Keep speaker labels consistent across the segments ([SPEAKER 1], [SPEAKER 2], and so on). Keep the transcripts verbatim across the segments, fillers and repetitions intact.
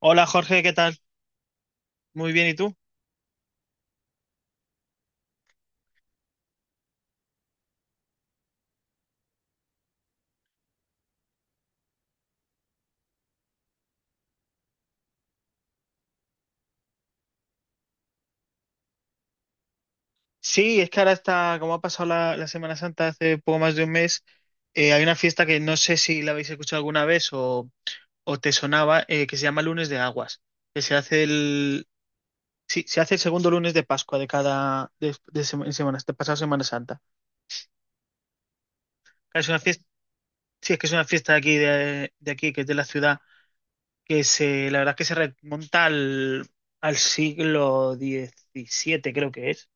[SPEAKER 1] Hola Jorge, ¿qué tal? Muy bien, ¿y tú? Sí, es que ahora está, como ha pasado la, la Semana Santa hace poco más de un mes, eh, hay una fiesta que no sé si la habéis escuchado alguna vez o, o te sonaba, eh, que se llama Lunes de Aguas, que se hace el, sí, se hace el segundo lunes de Pascua de cada, de, de sema- en semana, de pasado Semana Santa. Claro, es una fiesta, sí, es que es una fiesta de aquí, de, de aquí, que es de la ciudad, que se, la verdad es que se remonta al, al siglo diecisiete creo que es.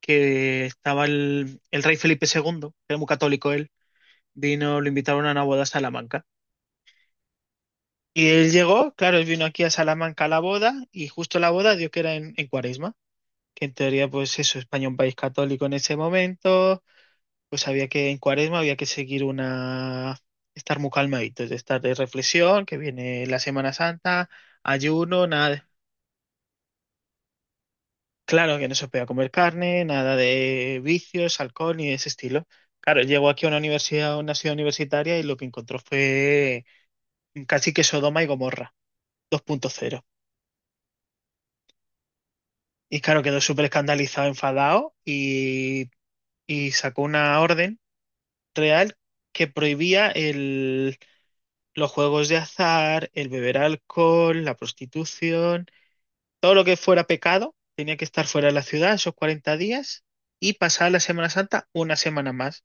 [SPEAKER 1] Que estaba el, el rey Felipe segundo, que era muy católico él, vino, lo invitaron a una boda a Salamanca. Y él llegó, claro, él vino aquí a Salamanca a la boda y justo la boda dio que era en, en Cuaresma, que en teoría pues eso, España un país católico en ese momento, pues había que en Cuaresma había que seguir una, estar muy calmaditos, de estar de reflexión, que viene la Semana Santa, ayuno, nada. Claro que no se podía comer carne, nada de vicios, alcohol ni de ese estilo. Claro, llegó aquí a una universidad, a una ciudad universitaria y lo que encontró fue casi que Sodoma y Gomorra dos punto cero. Y claro, quedó súper escandalizado, enfadado y, y sacó una orden real que prohibía el, los juegos de azar, el beber alcohol, la prostitución, todo lo que fuera pecado tenía que estar fuera de la ciudad esos cuarenta días y pasar la Semana Santa una semana más.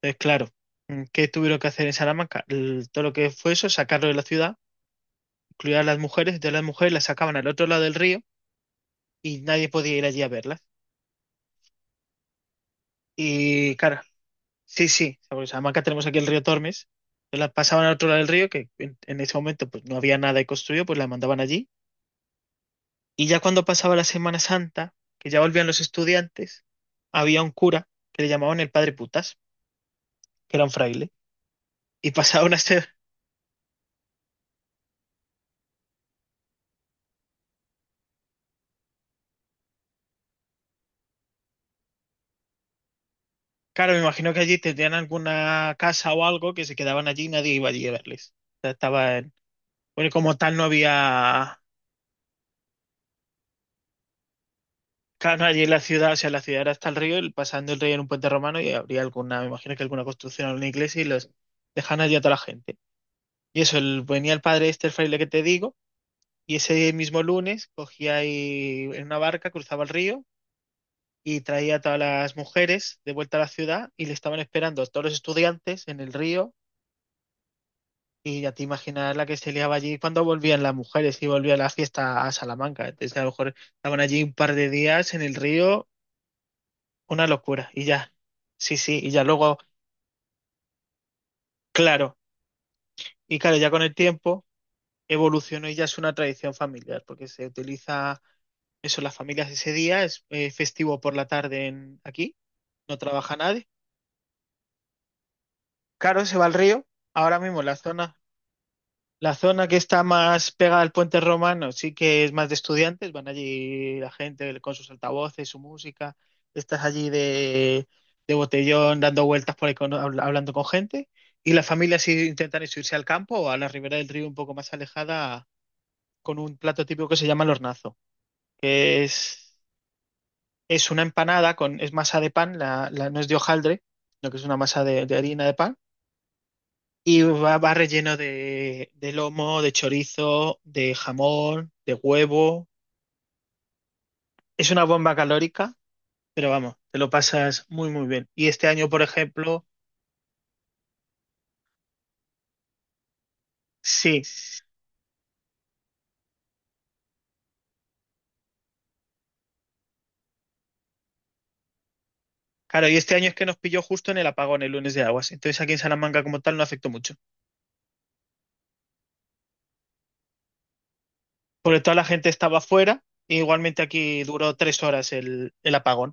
[SPEAKER 1] Entonces, claro, mm, ¿qué tuvieron que hacer en Salamanca? El- todo lo que fue eso, sacarlo de la ciudad, incluir a las mujeres, de las mujeres las sacaban al otro lado del río y nadie podía ir allí a verlas. Y claro, sí, sí, porque en Salamanca tenemos aquí el río Tormes, entonces las pasaban al otro lado del río, que en, en ese momento pues no había nada construido, pues las mandaban allí. Y ya cuando pasaba la Semana Santa, que ya volvían los estudiantes, había un cura que le llamaban el padre Putas, que era un fraile, y pasaba una, se- claro, me imagino que allí tendrían alguna casa o algo que se quedaban allí y nadie iba allí a verles. O sea, estaba en... Bueno, y como tal no había... Claro, no, allí en la ciudad, o sea, la ciudad era hasta el río, y pasando el río en un puente romano y habría alguna, me imagino que alguna construcción o una iglesia y los dejan allí a toda la gente. Y eso, el- venía el padre este, el fraile que te digo, y ese mismo lunes cogía y en una barca, cruzaba el río y traía a todas las mujeres de vuelta a la ciudad y le estaban esperando a todos los estudiantes en el río. Y ya te imaginas la que se liaba allí cuando volvían las mujeres y volvía la fiesta a Salamanca. Entonces, a lo mejor estaban allí un par de días en el río, una locura, y ya. Sí, sí, y ya luego, claro, y claro, ya con el tiempo evolucionó y ya es una tradición familiar, porque se utiliza eso en las familias ese día, es eh, festivo por la tarde en, aquí, no trabaja nadie. Claro, se va al río, ahora mismo en la zona. La zona que está más pegada al puente romano sí que es más de estudiantes, van allí la gente con sus altavoces, su música, estás allí de, de botellón dando vueltas por ahí con- habl- hablando con gente y las familias sí intentan eso, irse al campo o a la ribera del río un poco más alejada con un plato típico que se llama el hornazo, que es, es una empanada con, es masa de pan, la, la- no es de hojaldre, sino que es una masa de de harina de pan y va, va relleno de, de lomo, de chorizo, de jamón, de huevo. Es una bomba calórica, pero vamos, te lo pasas muy, muy bien. Y este año, por ejemplo, sí. Claro, y este año es que nos pilló justo en el apagón, el lunes de aguas. Entonces aquí en Salamanca como tal no afectó mucho. Porque toda la gente estaba fuera. E igualmente aquí duró tres horas el, el apagón.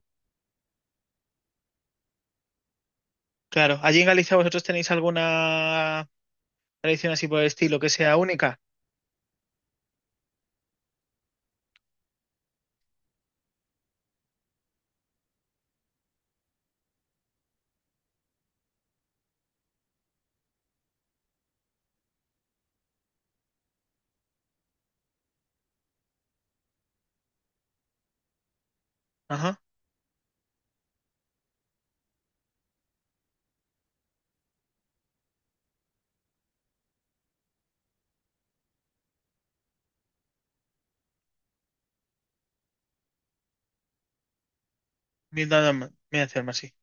[SPEAKER 1] Claro, allí en Galicia vosotros tenéis alguna tradición así por el estilo que sea única. Ajá, mira, nada más, mira, hacerme así.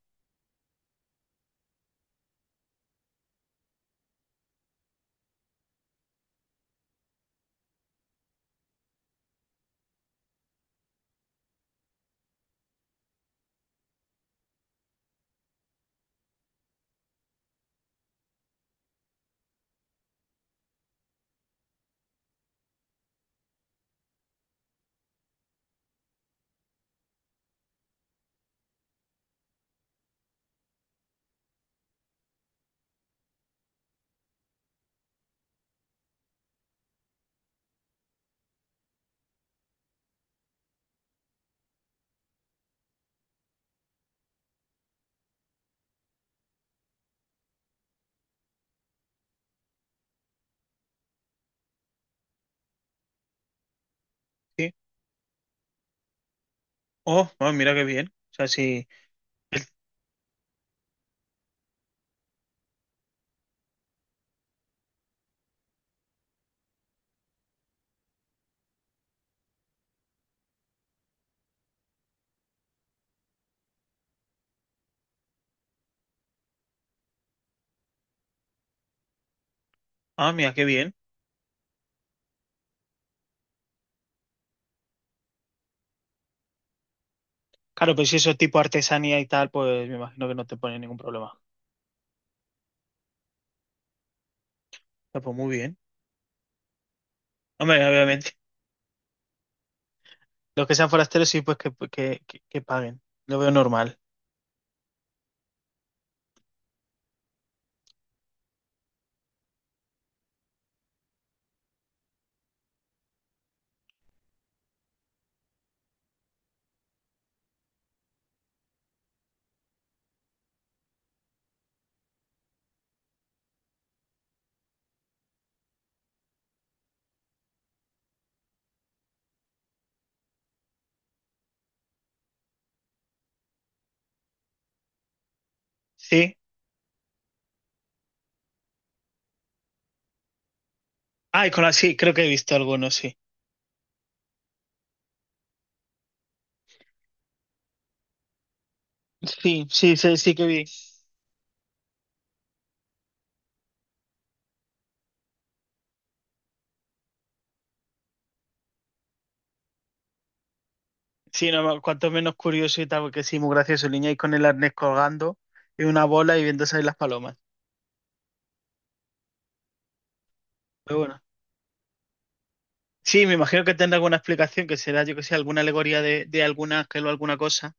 [SPEAKER 1] Oh, ah, mira qué bien. O sea, sí. Ah, mira qué bien. Claro, pues si eso es tipo artesanía y tal, pues me imagino que no te pone ningún problema. Ah, pues muy bien. Hombre, obviamente. Los que sean forasteros, sí, pues que, que, que, que paguen. Lo veo normal. Sí. Ah, y con la sí, creo que he visto algunos, sí. Sí, sí, sí, sí que vi. Sí, no, cuanto menos curioso y tal, porque sí, muy gracioso. El niño ahí con el arnés colgando y una bola y viendo salir las palomas. Pero bueno. Sí, me imagino que tendrá alguna explicación, que será, yo que sé, alguna alegoría de, de alguna, que o alguna cosa.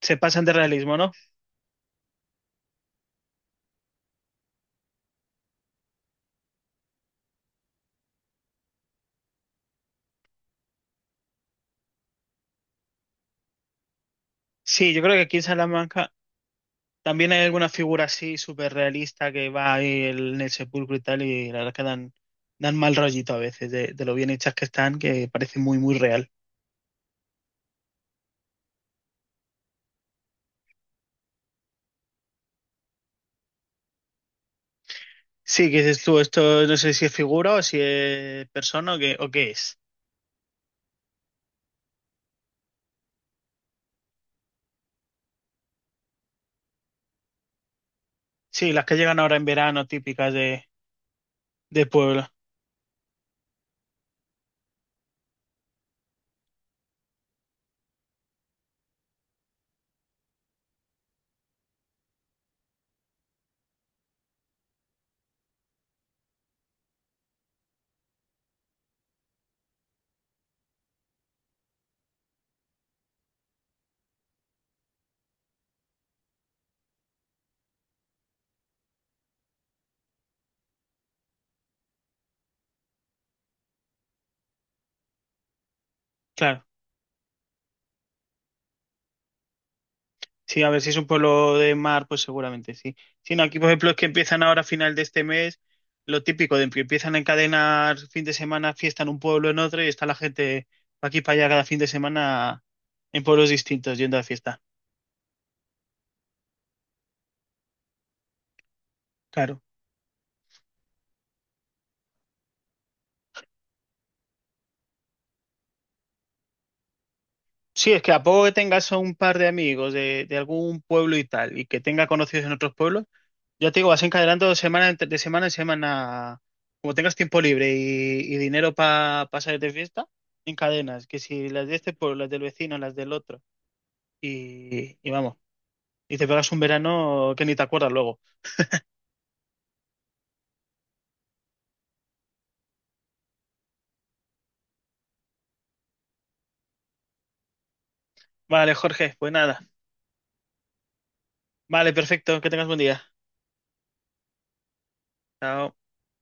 [SPEAKER 1] Se pasan de realismo, ¿no? Sí, yo creo que aquí en Salamanca también hay alguna figura así súper realista que va ahí el- en el sepulcro y tal, y la verdad que dan, dan mal rollito a veces de, de lo bien hechas que están, que parece muy, muy real. Sí, que dices tú, esto no sé si es figura o si es persona o qué, o qué es. Sí, las que llegan ahora en verano, típicas de, de pueblo. Claro. Sí, a ver si es un pueblo de mar, pues seguramente sí. Sí, no, aquí, por ejemplo, es que empiezan ahora a final de este mes, lo típico de que empiezan a encadenar fin de semana fiesta en un pueblo en otro y está la gente pa' aquí para allá cada fin de semana en pueblos distintos yendo a fiesta. Claro. Sí, es que a poco que tengas a un par de amigos de, de algún pueblo y tal, y que tenga conocidos en otros pueblos, ya te digo, vas encadenando semana en- de semana en semana. Como tengas tiempo libre y, y dinero para pasar de fiesta, encadenas. Que si las de este pueblo, las del vecino, las del otro. Y, y vamos. Y te pegas un verano que ni te acuerdas luego. Vale, Jorge, pues nada. Vale, perfecto. Que tengas buen día. Chao.